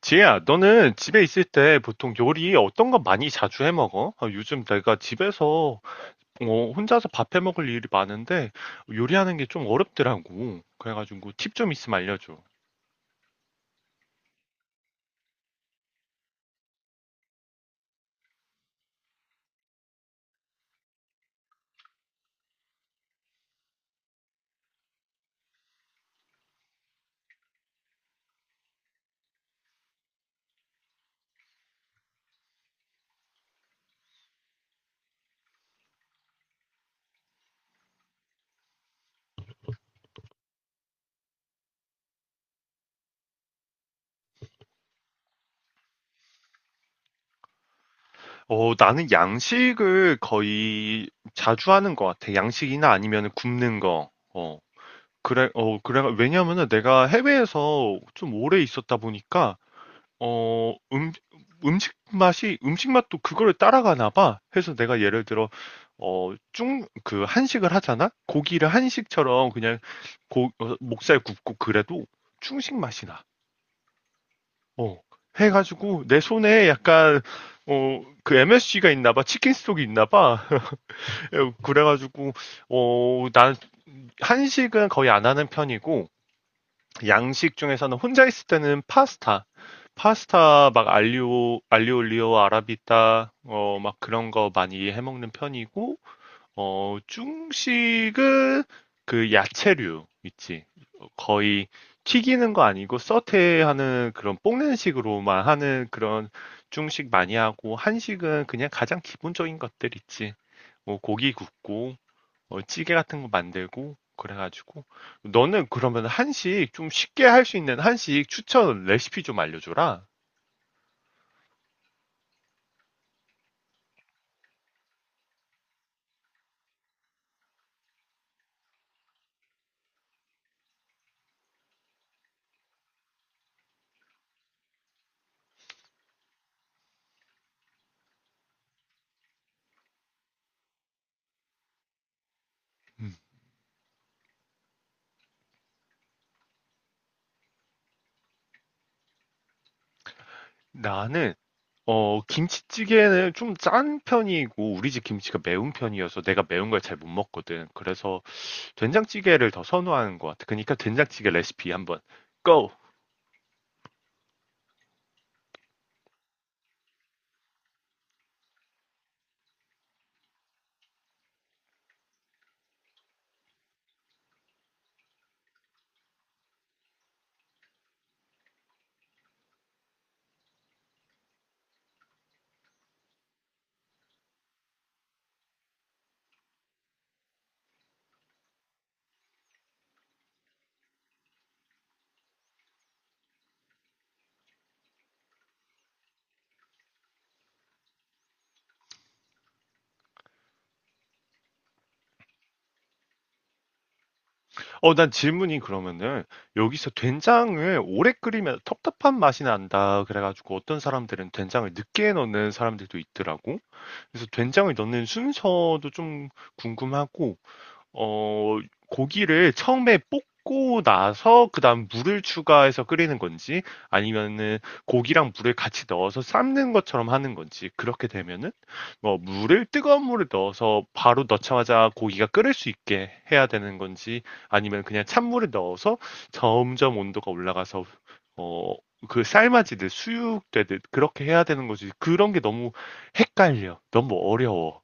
지혜야, 너는 집에 있을 때 보통 요리 어떤 거 많이 자주 해 먹어? 아, 요즘 내가 집에서 혼자서 밥 해 먹을 일이 많은데 요리하는 게 좀 어렵더라고. 그래가지고 팁 좀 있으면 알려줘. 나는 양식을 거의 자주 하는 것 같아. 양식이나 아니면 굽는 거. 그래, 왜냐면은 내가 해외에서 좀 오래 있었다 보니까 어, 음, 음식 맛도 그거를 따라가나 봐. 해서 내가 예를 들어, 한식을 하잖아? 고기를 한식처럼 그냥 목살 굽고 그래도 중식 맛이 나. 어. 해가지고 내 손에 약간, 그 MSG가 있나 봐. 치킨 스톡이 있나 봐. 그래가지고, 난 한식은 거의 안 하는 편이고, 양식 중에서는 혼자 있을 때는 파스타. 파스타 막 알리오 알리올리오 아라비타 막 그런 거 많이 해 먹는 편이고 중식은 그 야채류 있지. 거의 튀기는 거 아니고 서태하는 그런 볶는 식으로만 하는 그런 중식 많이 하고 한식은 그냥 가장 기본적인 것들 있지. 뭐 고기 굽고 찌개 같은 거 만들고 그래가지고 너는 그러면 한식 좀 쉽게 할 수 있는 한식 추천 레시피 좀 알려줘라. 음. 나는 김치찌개는 좀 짠 편이고 우리 집 김치가 매운 편이어서 내가 매운 걸 잘 못 먹거든. 그래서 된장찌개를 더 선호하는 것 같아. 그러니까 된장찌개 레시피 한번 go. 난 질문이 그러면은 여기서 된장을 오래 끓이면 텁텁한 맛이 난다. 그래가지고 어떤 사람들은 된장을 늦게 넣는 사람들도 있더라고. 그래서 된장을 넣는 순서도 좀 궁금하고 어, 고기를 처음에 볶고 나서 그다음 물을 추가해서 끓이는 건지 아니면은 고기랑 물을 같이 넣어서 삶는 것처럼 하는 건지 그렇게 되면은 뭐 물을 뜨거운 물을 넣어서 바로 넣자마자 고기가 끓을 수 있게 해야 되는 건지 아니면 그냥 찬물을 넣어서 점점 온도가 올라가서 어, 그 삶아지듯 수육되듯 그렇게 해야 되는 거지. 그런 게 너무 헷갈려, 너무 어려워.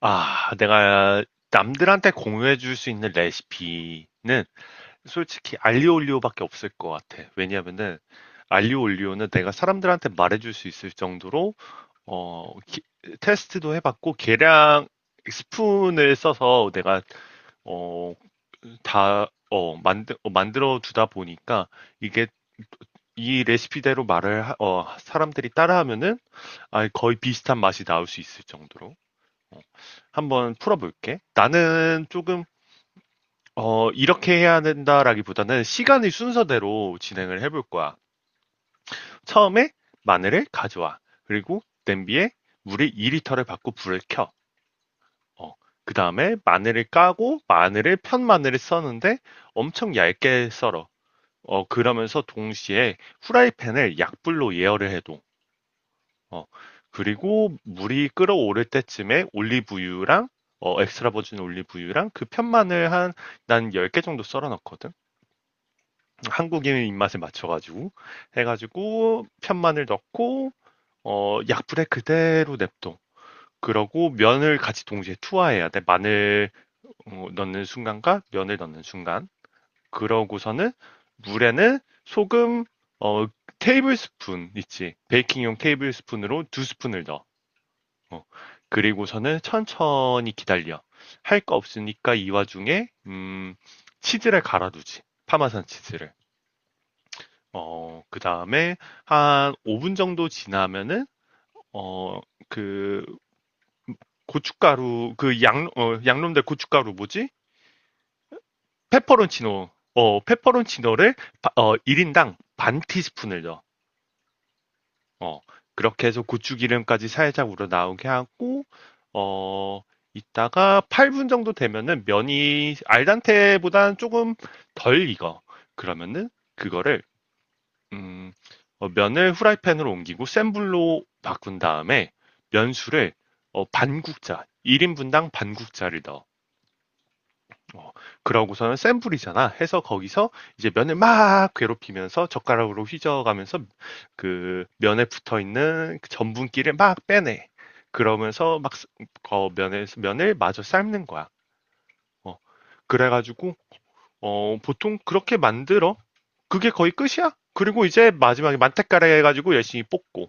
아, 내가 남들한테 공유해 줄 수 있는 레시피는 솔직히 알리오올리오밖에 없을 것 같아. 왜냐면은 알리오올리오는 내가 사람들한테 말해 줄 수 있을 정도로 어, 기- 테스트도 해봤고 계량 스푼을 써서 내가 어, 만들어 두다 보니까 이게 이 레시피대로 사람들이 따라하면은 아, 거의 비슷한 맛이 나올 수 있을 정도로 어, 한번 풀어볼게. 나는 조금 이렇게 해야 된다라기보다는 시간의 순서대로 진행을 해볼 거야. 처음에 마늘을 가져와. 그리고 냄비에 물을 2리터를 받고 불을 켜. 어, 그 다음에 마늘을 까고 마늘을 편 마늘을 써는데 엄청 얇게 썰어. 그러면서 동시에 후라이팬을 약불로 예열을 해둬. 어, 그리고 물이 끓어오를 때쯤에 올리브유랑 엑스트라 버진 올리브유랑 그 편마늘 난 10개 정도 썰어 넣거든? 한국인 입맛에 맞춰가지고. 해가지고, 편마늘 넣고, 약불에 그대로 냅둬. 그러고 면을 같이 동시에 투하해야 돼. 마늘 넣는 순간과 면을 넣는 순간. 그러고서는 물에는 소금, 어, 테이블 스푼 있지. 베이킹용 테이블 스푼으로 두 스푼을 넣어. 어, 그리고서는 천천히 기다려. 할 거 없으니까 이 와중에 치즈를 갈아두지. 파마산 치즈를. 그다음에 한 5분 정도 지나면은 어, 그 고춧가루 그 양, 어, 양념된 고춧가루 뭐지? 페퍼론치노. 페퍼론치노를 1인당 반 티스푼을 넣어. 어, 그렇게 해서 고추기름까지 살짝 우러나오게 하고, 어, 이따가 8분 정도 되면은 면이 알단테보다는 조금 덜 익어. 그러면은 그거를, 음, 면을 후라이팬으로 옮기고 센 불로 바꾼 다음에 면수를 1인분당 반국자를 넣어. 어, 그러고서는 샘플이잖아. 해서 거기서 이제 면을 막 괴롭히면서 젓가락으로 휘저어가면서 그 면에 붙어 있는 그 전분기를 막 빼내. 그러면서 막 쓰- 어, 면에 면을 마저 삶는 거야. 어, 그래가지고 보통 그렇게 만들어. 그게 거의 끝이야. 그리고 이제 마지막에 만테카레 해가지고 열심히 볶고.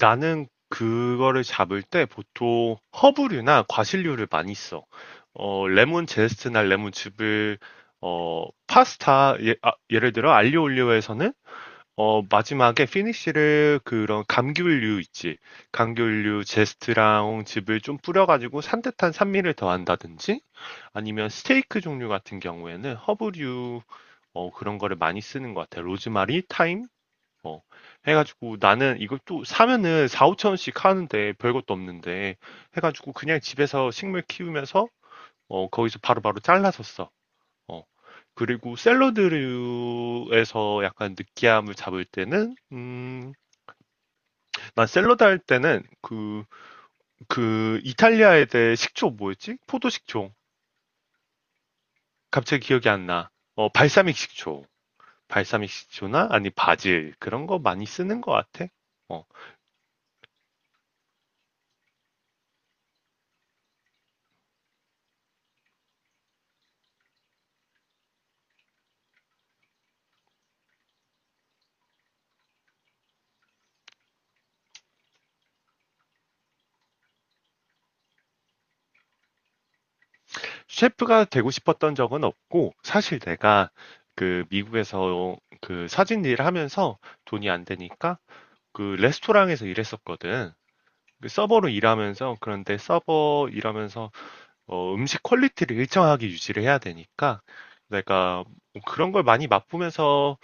나는 그거를 잡을 때 보통 허브류나 과실류를 많이 써. 레몬 제스트나 레몬즙을 어, 파스타 예, 를 들어 알리오올리오에서는 마지막에 피니쉬를 그런 감귤류 있지. 감귤류 제스트랑 즙을 좀 뿌려가지고 산뜻한 산미를 더한다든지 아니면 스테이크 종류 같은 경우에는 허브류 그런 거를 많이 쓰는 것 같아. 로즈마리, 타임. 어. 해가지고 나는 이걸 또 사면은 4, 5천 원씩 하는데 별것도 없는데 해가지고 그냥 집에서 식물 키우면서 거기서 바로바로 잘라서 써. 어. 그리고 샐러드류에서 약간 느끼함을 잡을 때는 난 샐러드 할 때는 그 이탈리아 애들 식초 뭐였지? 포도 식초. 갑자기 기억이 안 나. 발사믹 식초. 발사믹 식초나 아니 바질 그런 거 많이 쓰는 것 같아. 어. 셰프가 되고 싶었던 적은 없고, 사실 내가 그 미국에서 그 사진 일을 하면서 돈이 안 되니까 그 레스토랑에서 일했었거든. 그 서버로 일하면서, 그런데 서버 일하면서 음식 퀄리티를 일정하게 유지를 해야 되니까 내가 뭐 그런 걸 많이 맛보면서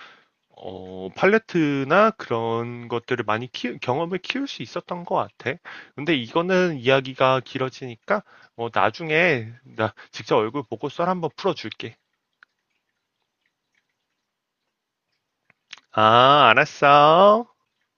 팔레트나 그런 것들을 많이 키 경험을 키울 수 있었던 것 같아. 근데 이거는 이야기가 길어지니까, 나중에 나 직접 얼굴 보고 썰 한번 풀어줄게. 아, 알았어.